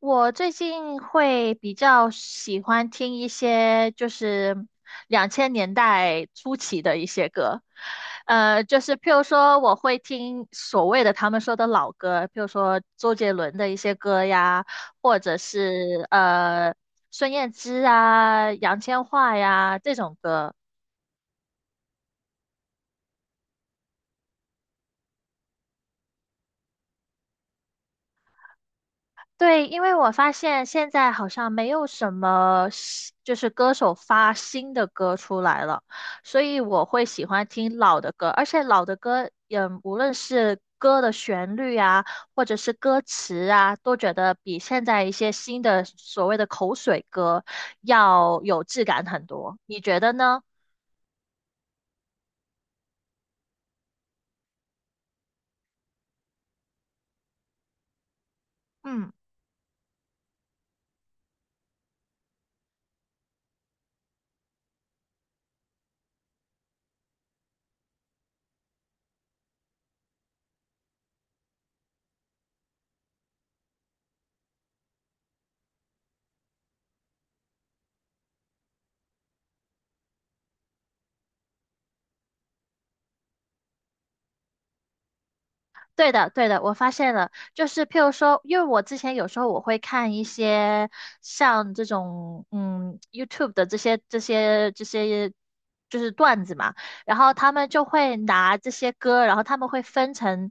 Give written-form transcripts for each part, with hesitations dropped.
我最近会比较喜欢听一些就是2000年代初期的一些歌，就是譬如说我会听所谓的他们说的老歌，譬如说周杰伦的一些歌呀，或者是孙燕姿啊、杨千嬅呀这种歌。对，因为我发现现在好像没有什么新就是歌手发新的歌出来了，所以我会喜欢听老的歌，而且老的歌，嗯，无论是歌的旋律啊，或者是歌词啊，都觉得比现在一些新的所谓的口水歌要有质感很多。你觉得呢？嗯。对的，对的，我发现了，就是譬如说，因为我之前有时候我会看一些像这种YouTube 的这些就是段子嘛，然后他们就会拿这些歌，然后他们会分成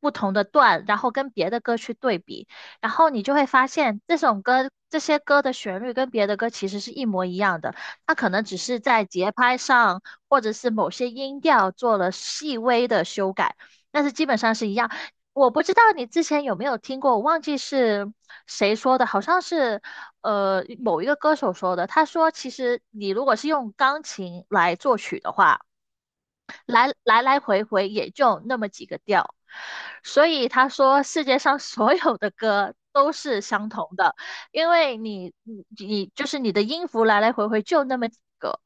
不同的段，然后跟别的歌去对比，然后你就会发现这首歌这些歌的旋律跟别的歌其实是一模一样的，它可能只是在节拍上或者是某些音调做了细微的修改。但是基本上是一样。我不知道你之前有没有听过，我忘记是谁说的，好像是某一个歌手说的。他说，其实你如果是用钢琴来作曲的话，来来来回回也就那么几个调，所以他说世界上所有的歌都是相同的，因为你就是你的音符来来回回就那么几个。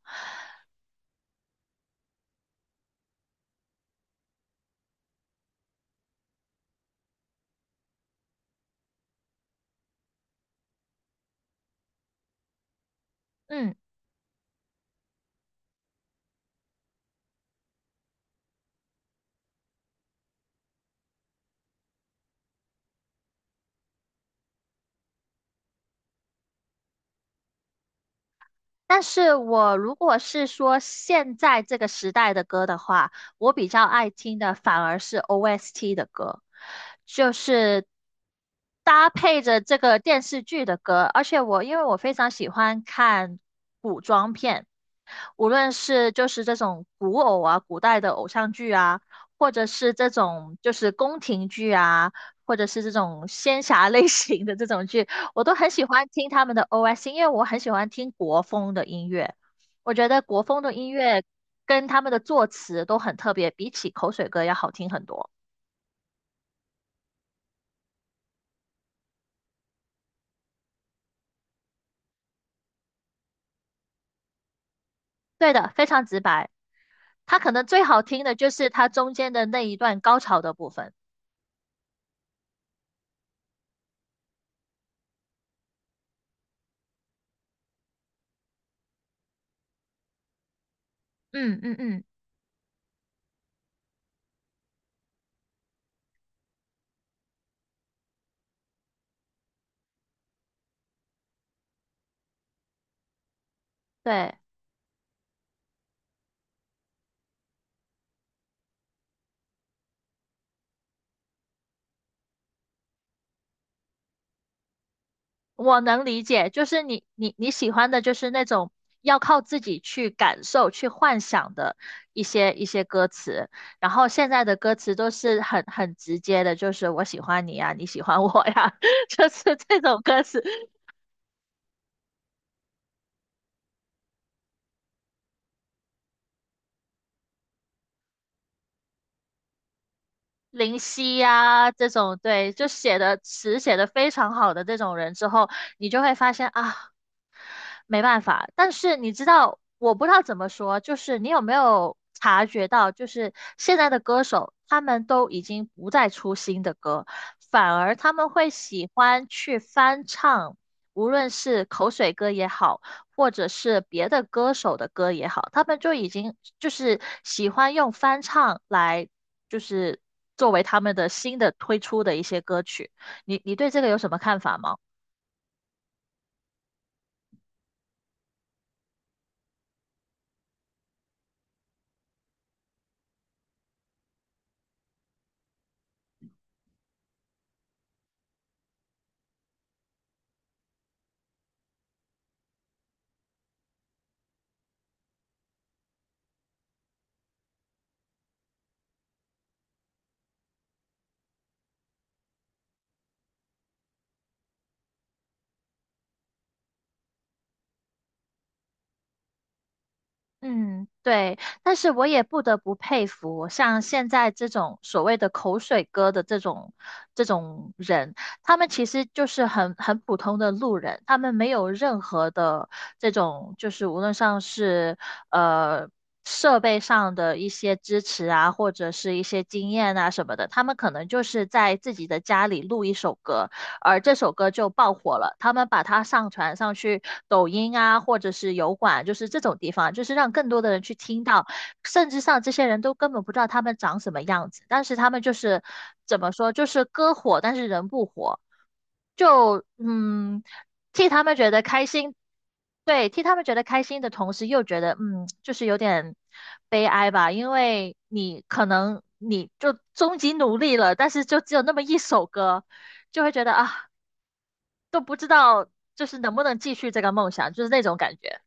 嗯。但是我如果是说现在这个时代的歌的话，我比较爱听的反而是 OST 的歌，就是搭配着这个电视剧的歌。而且我因为我非常喜欢看古装片，无论是就是这种古偶啊、古代的偶像剧啊，或者是这种就是宫廷剧啊，或者是这种仙侠类型的这种剧，我都很喜欢听他们的 OS,因为我很喜欢听国风的音乐。我觉得国风的音乐跟他们的作词都很特别，比起口水歌要好听很多。对的，非常直白。它可能最好听的就是它中间的那一段高潮的部分。嗯嗯嗯，对。我能理解，就是你喜欢的就是那种要靠自己去感受、去幻想的一些歌词，然后现在的歌词都是很很直接的，就是我喜欢你呀，你喜欢我呀，就是这种歌词，林夕呀这种，对，就写的词写的非常好的这种人之后，你就会发现啊，没办法。但是你知道，我不知道怎么说，就是你有没有察觉到，就是现在的歌手他们都已经不再出新的歌，反而他们会喜欢去翻唱，无论是口水歌也好，或者是别的歌手的歌也好，他们就已经就是喜欢用翻唱来，就是作为他们的新的推出的一些歌曲。你你对这个有什么看法吗？嗯，对，但是我也不得不佩服，像现在这种所谓的口水歌的这种人，他们其实就是很很普通的路人，他们没有任何的这种，就是无论上是呃设备上的一些支持啊，或者是一些经验啊什么的，他们可能就是在自己的家里录一首歌，而这首歌就爆火了。他们把它上传上去抖音啊，或者是油管，就是这种地方，就是让更多的人去听到。甚至上这些人都根本不知道他们长什么样子，但是他们就是怎么说，就是歌火，但是人不火。就嗯，替他们觉得开心，对，替他们觉得开心的同时，又觉得嗯，就是有点悲哀吧，因为你可能你就终极努力了，但是就只有那么一首歌，就会觉得啊，都不知道就是能不能继续这个梦想，就是那种感觉。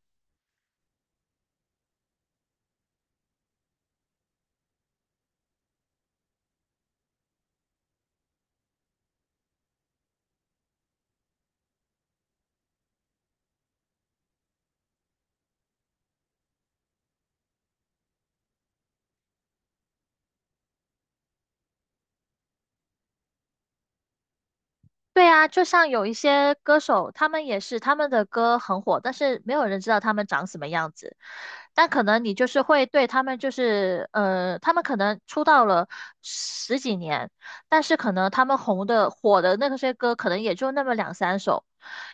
对啊，就像有一些歌手，他们也是他们的歌很火，但是没有人知道他们长什么样子。但可能你就是会对他们，就是他们可能出道了十几年，但是可能他们红的火的那些歌，可能也就那么2,3首。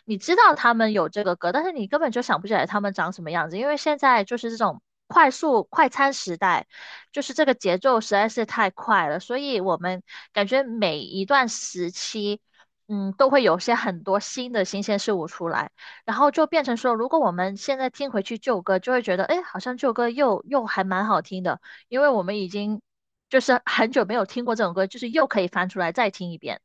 你知道他们有这个歌，但是你根本就想不起来他们长什么样子，因为现在就是这种快速快餐时代。就是这个节奏实在是太快了，所以我们感觉每一段时期嗯，都会有些很多新的新鲜事物出来，然后就变成说，如果我们现在听回去旧歌，就会觉得，哎，好像旧歌又还蛮好听的，因为我们已经就是很久没有听过这种歌，就是又可以翻出来再听一遍。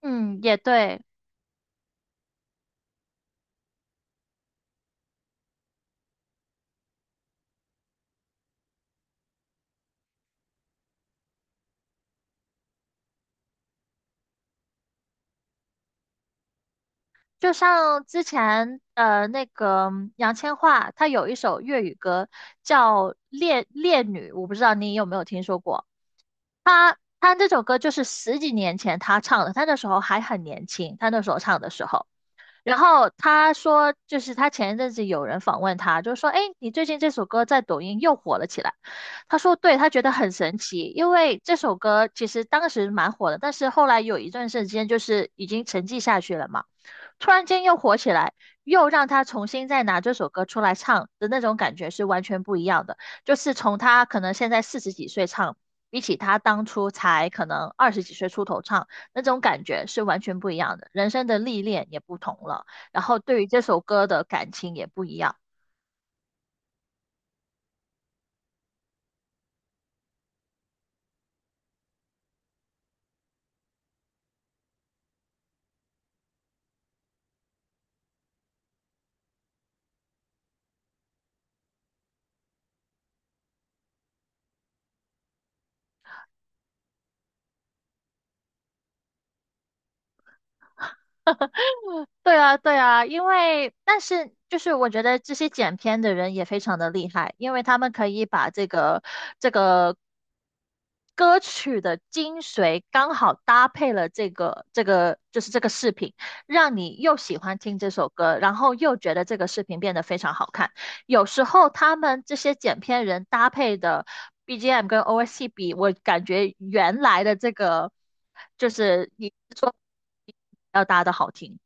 嗯，也对，就像之前那个杨千嬅，她有一首粤语歌叫《烈烈女》，我不知道你有没有听说过。她这首歌就是10几年前她唱的，她那时候还很年轻，她那时候唱的时候。然后他说，就是他前一阵子有人访问他，就说：“哎，你最近这首歌在抖音又火了起来。”他说：“对，他觉得很神奇，因为这首歌其实当时蛮火的，但是后来有一段时间就是已经沉寂下去了嘛。突然间又火起来，又让他重新再拿这首歌出来唱的那种感觉是完全不一样的。就是从他可能现在40几岁唱，比起他当初才可能20几岁出头唱，那种感觉是完全不一样的。人生的历练也不同了，然后对于这首歌的感情也不一样。对啊，对啊，因为但是就是我觉得这些剪片的人也非常的厉害，因为他们可以把这个这个歌曲的精髓刚好搭配了这个就是这个视频，让你又喜欢听这首歌，然后又觉得这个视频变得非常好看。有时候他们这些剪片人搭配的 BGM 跟 OST 比，我感觉原来的这个就是你说要搭的好听。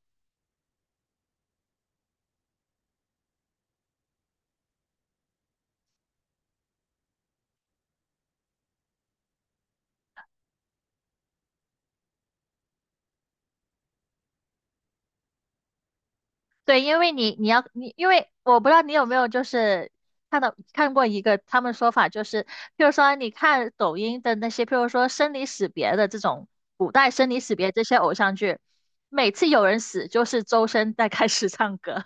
对，因为你你要你，因为我不知道你有没有就是看过一个他们说法，就是譬如说你看抖音的那些，譬如说生离死别的这种古代生离死别这些偶像剧，每次有人死就是周深在开始唱歌。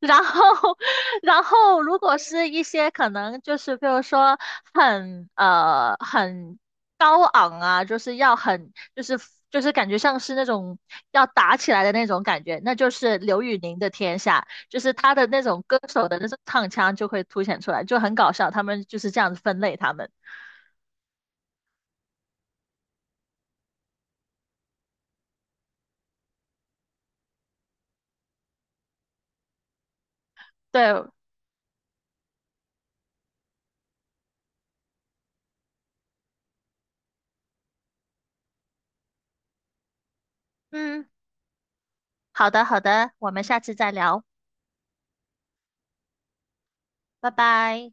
然后，然后如果是一些可能就是比如说很高昂啊，就是要很就是就是感觉像是那种要打起来的那种感觉，那就是刘宇宁的天下，就是他的那种歌手的那种唱腔就会凸显出来，就很搞笑。他们就是这样子分类他们。对，嗯，好的好的，我们下次再聊，拜拜。